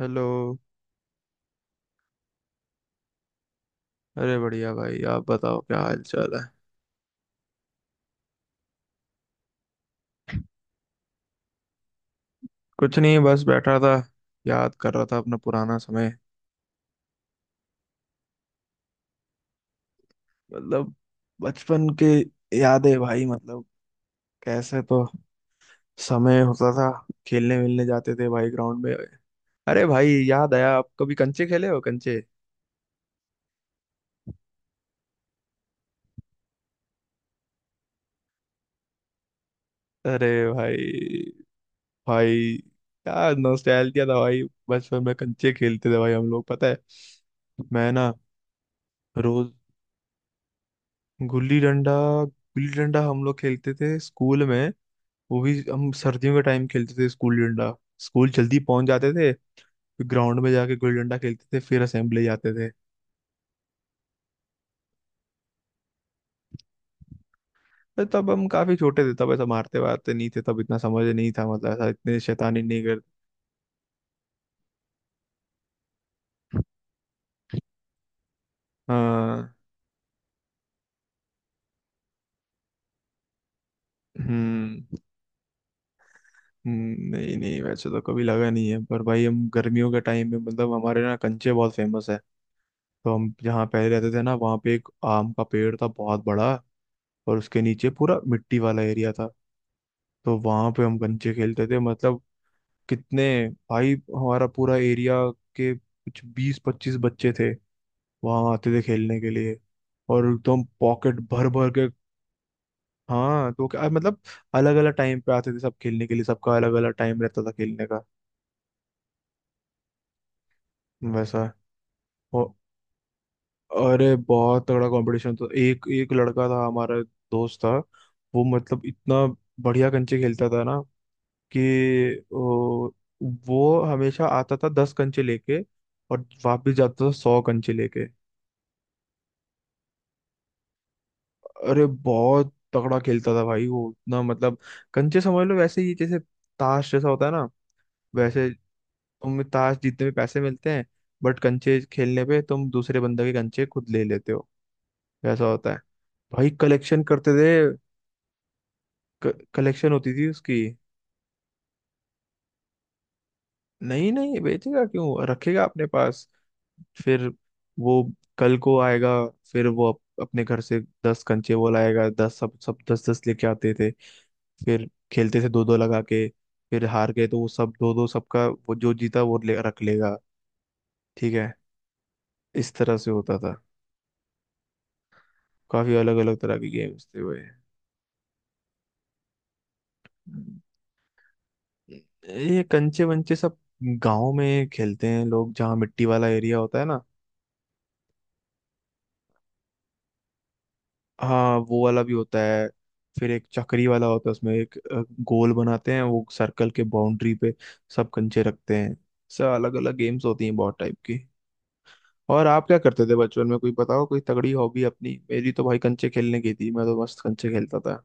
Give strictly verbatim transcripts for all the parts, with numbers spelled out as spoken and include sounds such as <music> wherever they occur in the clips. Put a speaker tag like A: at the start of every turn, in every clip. A: Hello. अरे बढ़िया भाई, आप बताओ, क्या हाल चाल है। कुछ नहीं, बस बैठा था। याद कर रहा था अपना पुराना समय। मतलब बचपन के यादें भाई, मतलब कैसे तो समय होता था। खेलने मिलने जाते थे भाई ग्राउंड में। अरे भाई याद आया, आप कभी कंचे खेले हो? कंचे। अरे भाई भाई, क्या नॉस्टैल्जिया था भाई। बचपन में कंचे खेलते थे भाई हम लोग, पता है। मैं ना, रोज। गुल्ली डंडा। गुल्ली डंडा हम लोग खेलते थे स्कूल में। वो भी हम सर्दियों के टाइम खेलते थे स्कूल डंडा। स्कूल जल्दी पहुंच जाते थे, फिर ग्राउंड में जाके गुल्ली डंडा खेलते थे, फिर असेंबली जाते थे। तो तब हम काफी छोटे थे, तब ऐसा मारते वारते नहीं थे, तब इतना समझ नहीं था, मतलब ऐसा इतने शैतानी नहीं करते। हाँ। हम्म। हम्म, नहीं नहीं, वैसे तो कभी लगा नहीं है, पर भाई हम गर्मियों के टाइम में, मतलब हमारे ना कंचे बहुत फेमस है। तो हम जहाँ पहले रहते थे ना, वहाँ पे एक आम का पेड़ था बहुत बड़ा। और उसके नीचे पूरा मिट्टी वाला एरिया था। तो वहां पे हम कंचे खेलते थे, मतलब कितने। भाई हमारा पूरा एरिया के कुछ बीस पच्चीस बच्चे थे, वहां आते थे खेलने के लिए। और एकदम पॉकेट भर भर के। हाँ, तो क्या मतलब, अलग अलग टाइम पे आते थे सब खेलने के लिए, सबका अलग अलग टाइम रहता था खेलने का। वैसा। और। अरे बहुत तगड़ा कंपटीशन, तो एक एक लड़का था हमारा दोस्त था, वो मतलब इतना बढ़िया कंचे खेलता था ना, कि ओ। वो हमेशा आता था दस कंचे लेके, और वापस जाता था सौ कंचे लेके। अरे बहुत तगड़ा खेलता था भाई वो, इतना मतलब, कंचे समझ लो वैसे ही जैसे ताश जैसा होता है ना। वैसे तुम्हें ताश जीतने में पैसे मिलते हैं, बट कंचे खेलने पे तुम दूसरे बंदे के कंचे खुद ले लेते हो। वैसा होता है। भाई कलेक्शन करते थे, कलेक्शन होती थी उसकी। नहीं नहीं, बेचेगा क्यों? रखेगा अपने पास। फिर वो कल को आएगा, फिर वो अप, अपने घर से दस कंचे वो लाएगा। दस सब सब दस दस लेके आते थे, फिर खेलते थे दो दो लगा के। फिर हार गए तो वो सब दो दो सबका, वो जो जीता वो ले, रख लेगा। ठीक है, इस तरह से होता था। काफी अलग अलग तरह के गेम्स थे वो। ये कंचे वंचे सब गांव में खेलते हैं लोग, जहाँ मिट्टी वाला एरिया होता है ना। हाँ, वो वाला भी होता है। फिर एक चक्री वाला होता है, उसमें एक अ, गोल बनाते हैं वो, सर्कल के बाउंड्री पे सब कंचे रखते हैं। सब अलग अलग गेम्स होती हैं बहुत टाइप की। और आप क्या करते थे बचपन में? कोई बताओ कोई तगड़ी हॉबी अपनी, मेरी तो भाई कंचे खेलने की थी, मैं तो मस्त कंचे खेलता था।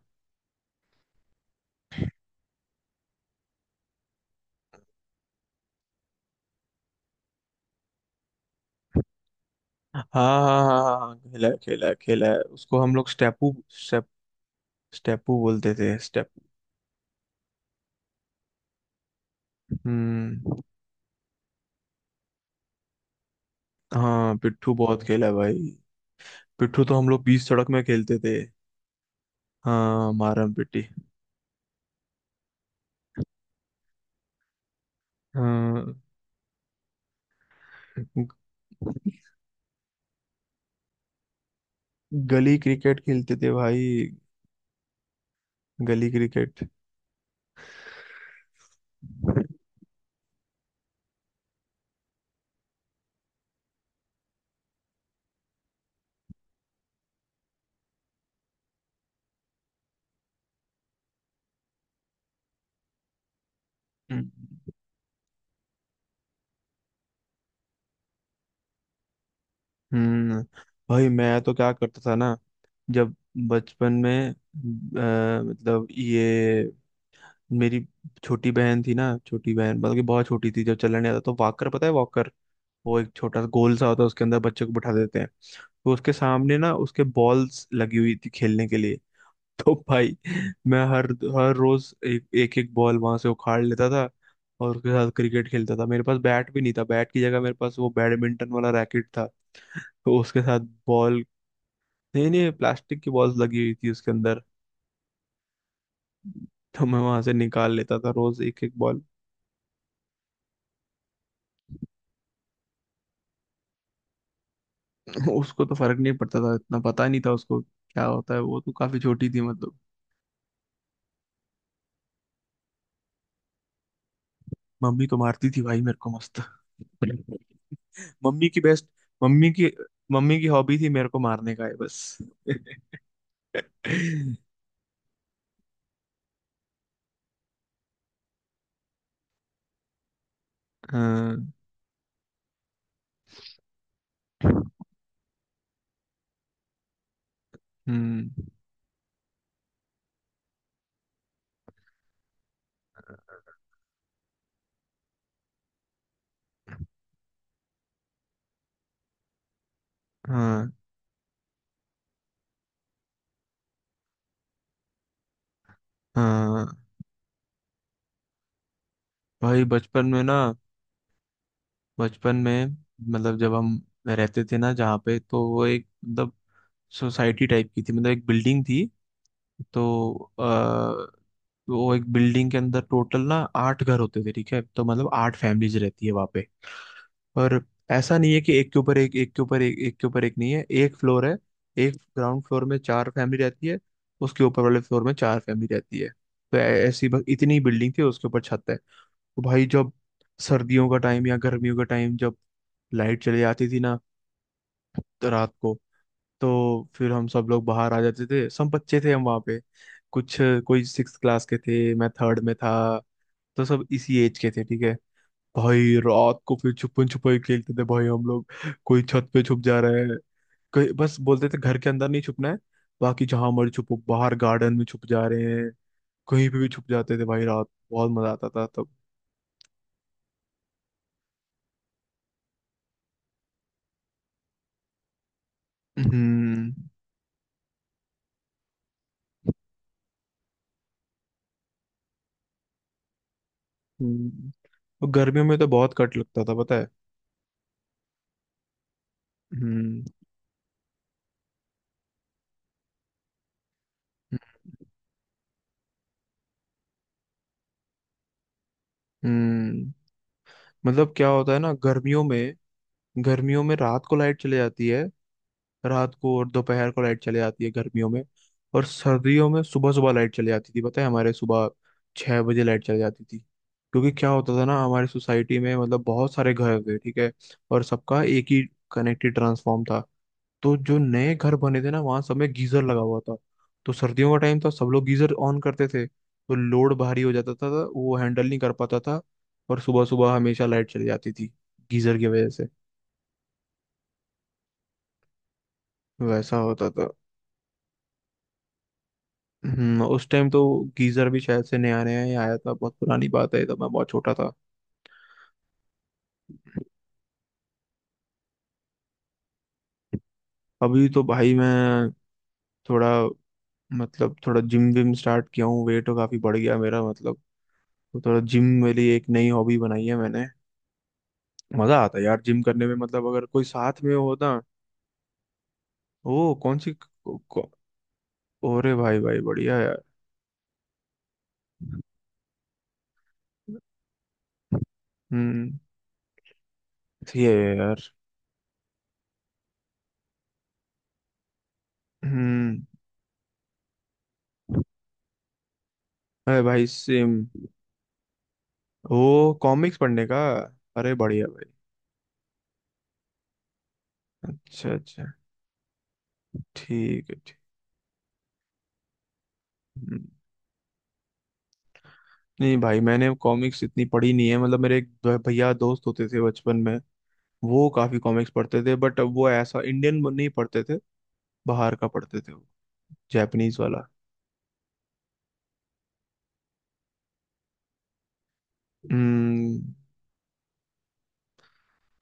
A: हाँ हाँ हाँ हाँ हाँ, खेला है, खेला है, खेला है उसको, हम लोग स्टेपू स्टेप स्टेपू बोलते थे, स्टेपू। हम्म। हाँ, पिट्ठू बहुत खेला है भाई। पिट्ठू तो हम लोग बीच सड़क में खेलते थे। हाँ, मारम पिट्टी। हाँ, ग- गली क्रिकेट खेलते थे भाई, गली क्रिकेट। हम्म। हम्म, भाई मैं तो क्या करता था ना, जब बचपन में, अ, मतलब ये, मेरी छोटी बहन थी ना, छोटी बहन मतलब कि बहुत छोटी थी। जब चलने आता तो वॉकर, पता है वॉकर? वो एक छोटा सा गोल सा होता है, उसके अंदर बच्चे को बिठा देते हैं। तो उसके सामने ना, उसके बॉल्स लगी हुई थी खेलने के लिए। <laughs> तो भाई मैं हर हर रोज एक एक, एक बॉल वहां से उखाड़ लेता था, और उसके साथ क्रिकेट खेलता था। मेरे पास बैट भी नहीं था, बैट की जगह मेरे पास वो बैडमिंटन वाला रैकेट था, तो उसके साथ। बॉल, नहीं नहीं, प्लास्टिक की बॉल्स लगी हुई थी उसके अंदर। तो मैं वहां से निकाल लेता था रोज एक एक बॉल। <laughs> उसको तो फर्क नहीं पड़ता था, इतना पता नहीं था उसको क्या होता है, वो तो काफी छोटी थी मतलब। मम्मी को मारती थी भाई मेरे को मस्त। <laughs> मम्मी की बेस्ट मम्मी की मम्मी की हॉबी थी मेरे को मारने का, है बस। हाँ। हम्म। हाँ, हाँ। भाई बचपन में ना, बचपन में मतलब जब हम रहते थे ना जहाँ पे, तो वो एक, मतलब सोसाइटी टाइप की थी, मतलब एक बिल्डिंग थी। तो आ, वो एक बिल्डिंग के अंदर टोटल ना आठ घर होते थे, ठीक है। तो मतलब आठ फैमिलीज रहती है वहाँ पे। और ऐसा नहीं है कि एक के ऊपर एक, एक के ऊपर एक, एक के ऊपर एक, नहीं, है एक फ्लोर है। एक ग्राउंड फ्लोर में चार फैमिली रहती है, उसके ऊपर वाले फ्लोर में चार फैमिली रहती है, तो ऐ- ऐसी बस इतनी बिल्डिंग थी, उसके ऊपर छत है। तो भाई जब सर्दियों का टाइम या गर्मियों का टाइम, जब लाइट चली जाती थी ना, तो रात को, तो फिर हम सब लोग बाहर आ जाते थे। सब बच्चे थे हम वहाँ पे, कुछ कोई सिक्स क्लास के थे, मैं थर्ड में था, तो सब इसी एज के थे, ठीक है। भाई रात को फिर छुपन छुपाई खेलते थे भाई हम लोग, कोई छत पे छुप जा रहे हैं, कहीं, बस बोलते थे घर के अंदर नहीं छुपना है, बाकी जहां मर्जी छुपो। बाहर गार्डन में छुप जा रहे हैं, कहीं पे भी छुप जाते थे भाई रात। बहुत मजा आता था तब। हम्म। हम्म। और गर्मियों में तो बहुत कट लगता था, पता है। हम्म। हम्म। हम्म। मतलब क्या होता है ना, गर्मियों में, गर्मियों में रात को लाइट चली जाती है। रात को और दोपहर को लाइट चली जाती है गर्मियों में। और सर्दियों में सुबह सुबह लाइट चली जाती थी, पता है हमारे सुबह छह बजे लाइट चली जाती थी। क्योंकि क्या होता था ना हमारी सोसाइटी में, मतलब बहुत सारे घर थे, ठीक है, और सबका एक ही कनेक्टेड ट्रांसफॉर्म था। तो जो नए घर बने थे ना, वहाँ सब में गीजर लगा हुआ था, तो सर्दियों का टाइम था, सब लोग गीजर ऑन करते थे, तो लोड भारी हो जाता था, तो वो हैंडल नहीं कर पाता था, और सुबह सुबह हमेशा लाइट चली जाती थी गीजर की वजह से। वैसा होता था। हम्म, उस टाइम तो गीजर भी शायद से नया नया ही आया था, बहुत पुरानी बात है, तब मैं बहुत छोटा था। अभी तो भाई मैं थोड़ा, मतलब थोड़ा जिम विम स्टार्ट किया हूँ, वेट काफी बढ़ गया मेरा मतलब, तो थोड़ा जिम मेरे लिए एक नई हॉबी बनाई है मैंने। मजा आता है यार जिम करने में, मतलब अगर कोई साथ में हो ना। वो कौन सी? कौ, ओरे भाई भाई, बढ़िया यार। हम्म। सही है यार। हम्म। अरे भाई सेम। वो कॉमिक्स पढ़ने का, अरे बढ़िया भाई। अच्छा अच्छा। ठीक है, ठीक। हम्म, नहीं भाई, मैंने कॉमिक्स इतनी पढ़ी नहीं है, मतलब मेरे एक दो- भैया दोस्त होते थे बचपन में, वो काफी कॉमिक्स पढ़ते थे, बट वो ऐसा इंडियन नहीं पढ़ते थे, बाहर का पढ़ते थे वो, जापानीज वाला। हम्म।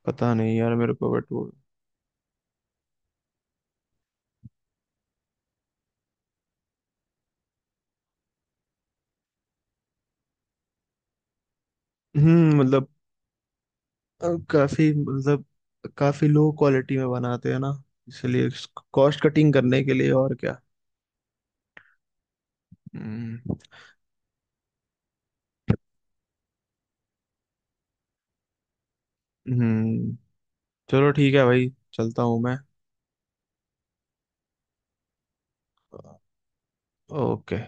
A: पता नहीं यार मेरे को, बट वो। हम्म, मतलब अ, काफी मतलब, काफी लो क्वालिटी में बनाते हैं ना, इसलिए, कॉस्ट कटिंग करने के लिए, और क्या। हम्म। हम्म, चलो ठीक है भाई, चलता हूँ मैं। ओके।